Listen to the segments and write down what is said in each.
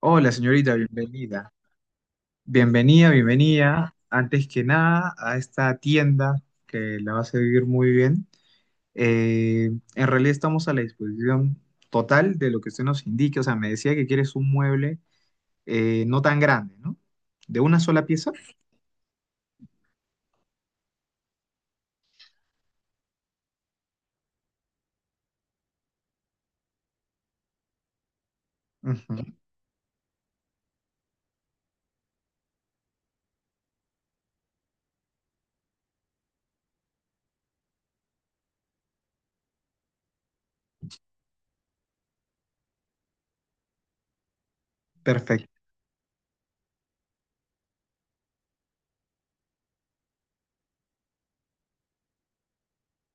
Hola, señorita, bienvenida. Bienvenida, bienvenida, antes que nada, a esta tienda que la vas a vivir muy bien. En realidad estamos a la disposición total de lo que usted nos indique. O sea, me decía que quieres un mueble no tan grande, ¿no? ¿De una sola pieza? Ujú. Perfecto.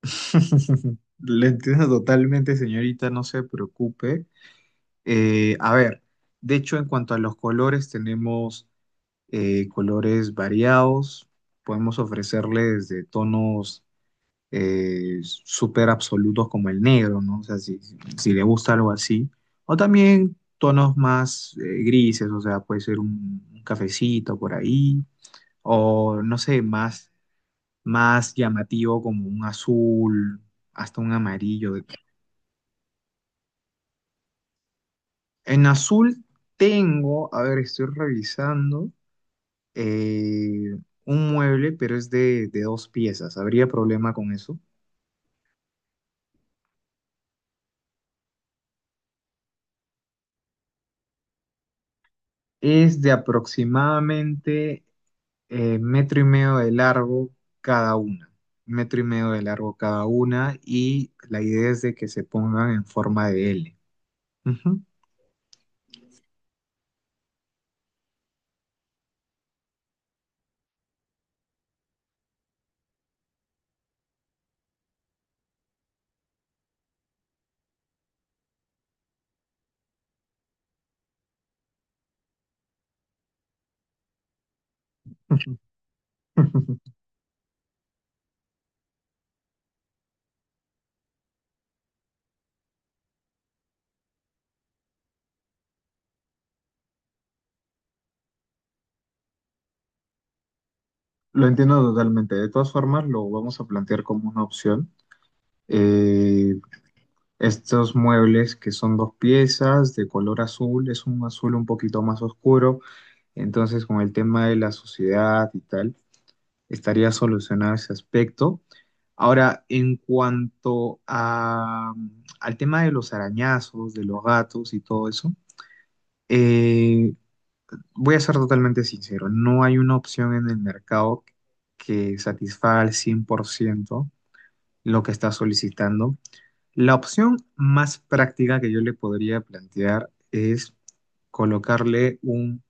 Le entiendo totalmente, señorita, no se preocupe. A ver, de hecho, en cuanto a los colores, tenemos colores variados. Podemos ofrecerles de tonos súper absolutos como el negro, ¿no? O sea, si le gusta algo así. O también tonos más grises, o sea, puede ser un cafecito por ahí. O no sé, más llamativo como un azul, hasta un amarillo. En azul tengo, a ver, estoy revisando. eh, un mueble, pero es de dos piezas. ¿Habría problema con eso? Es de aproximadamente metro y medio de largo cada una. Metro y medio de largo cada una y la idea es de que se pongan en forma de L. Ujú. Lo entiendo totalmente. De todas formas, lo vamos a plantear como una opción. Eh, estos muebles que son dos piezas de color azul, es un azul un poquito más oscuro. Entonces, con el tema de la sociedad y tal, estaría solucionado ese aspecto. Ahora, en cuanto a, al tema de los arañazos, de los gatos y todo eso, eh, voy a ser totalmente sincero, no hay una opción en el mercado que satisfaga al 100% lo que está solicitando. La opción más práctica que yo le podría plantear es colocarle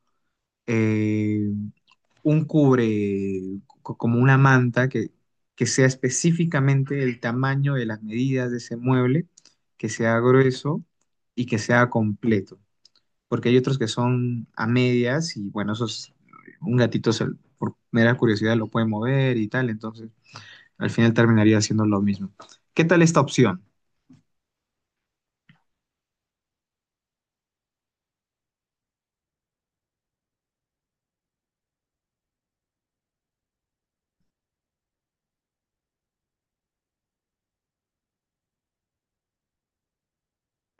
eh, un como una manta que sea específicamente el tamaño de las medidas de ese mueble, que sea grueso y que sea completo. Porque hay otros que son a medias y bueno, esos, un gatito se- por mera curiosidad lo puede mover y tal, entonces al final terminaría haciendo lo mismo. ¿Qué tal esta opción?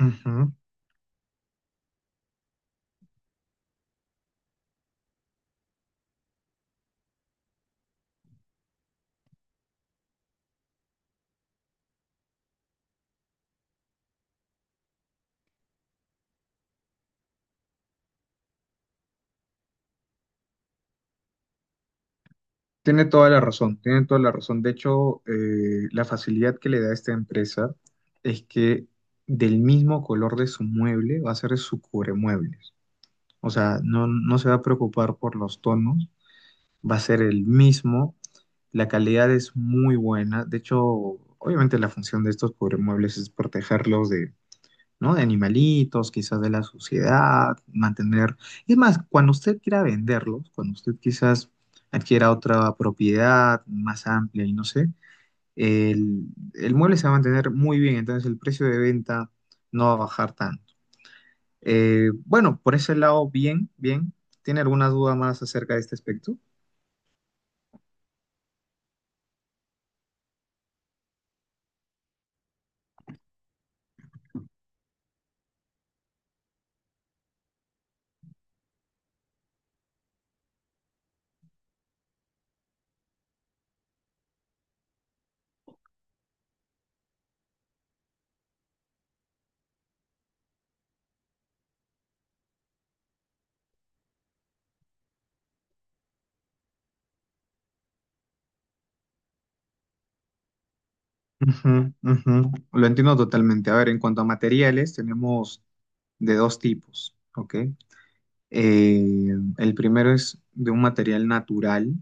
Ujú. Tiene toda la razón, tiene toda la razón. De hecho, la facilidad que le da esta empresa es que del mismo color de su mueble va a ser su cubremuebles. O sea, no se va a preocupar por los tonos, va a ser el mismo. La calidad es muy buena. De hecho, obviamente la función de estos cubremuebles es protegerlos, ¿no? De animalitos, quizás de la sociedad, mantener. Es más, cuando usted quiera venderlos, cuando usted quizás adquiera otra propiedad más amplia y no sé, el, el mueble se va a mantener muy bien, entonces el precio de venta no va a bajar tanto. Bueno, por ese lado, bien, bien. ¿Tiene alguna duda más acerca de este aspecto? Ujú, ujú. Lo entiendo totalmente. A ver, en cuanto a materiales, tenemos de dos tipos, ¿ok? Eh, el primero es de un material natural,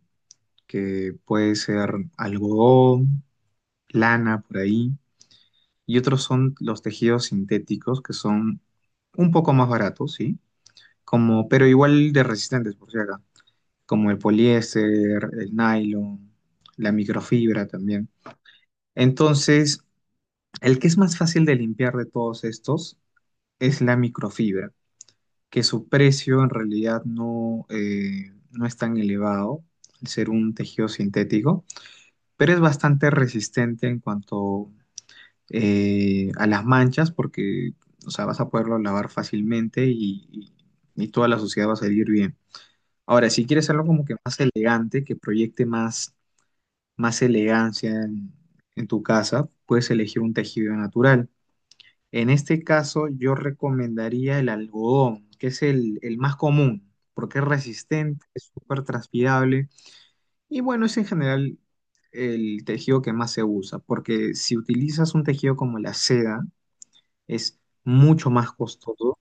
que puede ser algodón, lana, por ahí. Y otros son los tejidos sintéticos, que son un poco más baratos, ¿sí? Como, pero igual de resistentes, por si acá, como el poliéster, el nylon, la microfibra también. Entonces, el que es más fácil de limpiar de todos estos es la microfibra, que su precio en realidad no es tan elevado, al ser un tejido sintético, pero es bastante resistente en cuanto a las manchas, porque o sea, vas a poderlo lavar fácilmente y toda la suciedad va a salir bien. Ahora, si quieres algo como que más elegante, que proyecte más, más elegancia en tu casa, puedes elegir un tejido natural. En este caso, yo recomendaría el algodón, que es el más común, porque es resistente, es súper transpirable y bueno, es en general el tejido que más se usa, porque si utilizas un tejido como la seda, es mucho más costoso.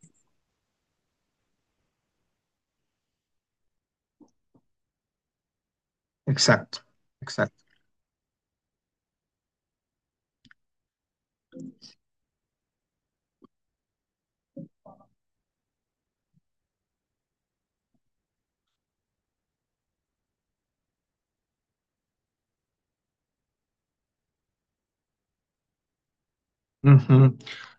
Exacto, exacto. Ujú.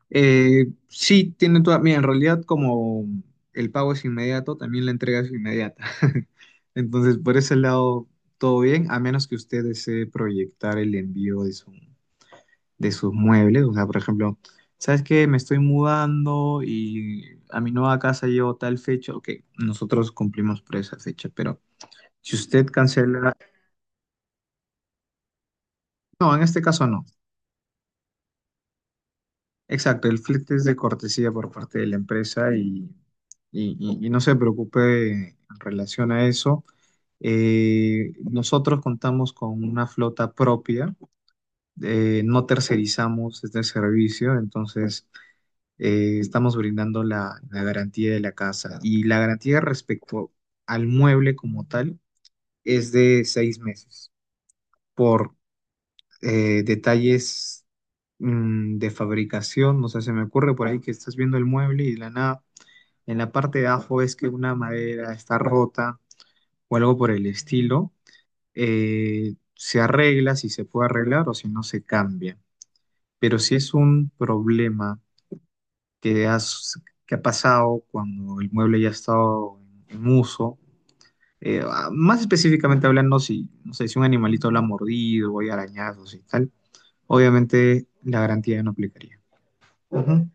Sí, tiene toda. Mira, en realidad, como el pago es inmediato, también la entrega es inmediata. Entonces, por ese lado, todo bien, a menos que usted desee proyectar el envío de de sus muebles. O sea, por ejemplo, ¿sabes qué? Me estoy mudando y a mi nueva casa llevo tal fecha. Ok, nosotros cumplimos por esa fecha, pero si usted cancela. No, en este caso no. Exacto, el flete es de cortesía por parte de la empresa y no se preocupe en relación a eso. Nosotros contamos con una flota propia, no tercerizamos este servicio, entonces estamos brindando la garantía de la casa y la garantía respecto al mueble como tal es de 6 meses por detalles de fabricación, no sé, se me ocurre por ahí que estás viendo el mueble y de la nada, en la parte de abajo es que una madera está rota o algo por el estilo, se arregla si se puede arreglar o si no se cambia. Pero si es un problema que ha pasado cuando el mueble ya ha estado en uso, más específicamente hablando, si, no sé, si un animalito lo ha mordido o hay arañazos y tal, obviamente la garantía no aplicaría. Ujú.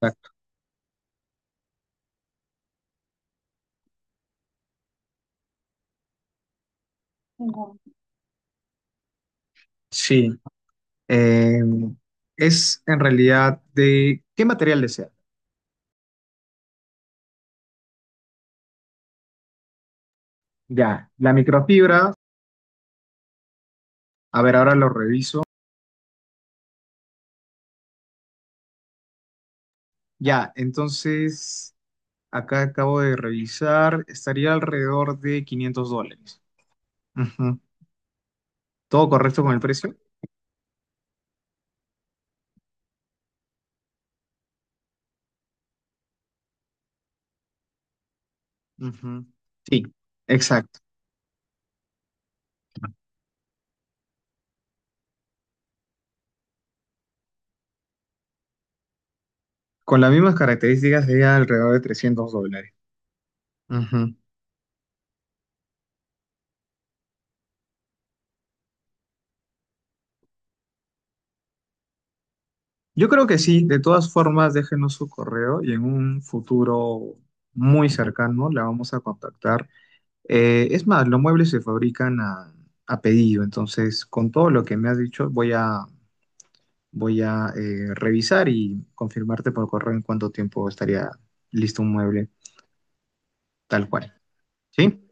Exacto. Sí, eh, es en realidad de qué material desea. Ya, la microfibra, a ver, ahora lo reviso. Ya, entonces, acá acabo de revisar, estaría alrededor de $500. Ujú. ¿Todo correcto con el precio? Ujú. Sí, exacto. Con las mismas características sería alrededor de $300. Ujú. Yo creo que sí, de todas formas, déjenos su correo y en un futuro muy cercano la vamos a contactar. Es más, los muebles se fabrican a pedido, entonces con todo lo que me has dicho voy a revisar y confirmarte por correo en cuánto tiempo estaría listo un mueble tal cual. ¿Sí?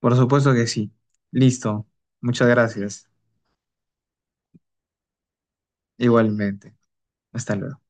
Por supuesto que sí. Listo. Muchas gracias. Igualmente. Hasta luego.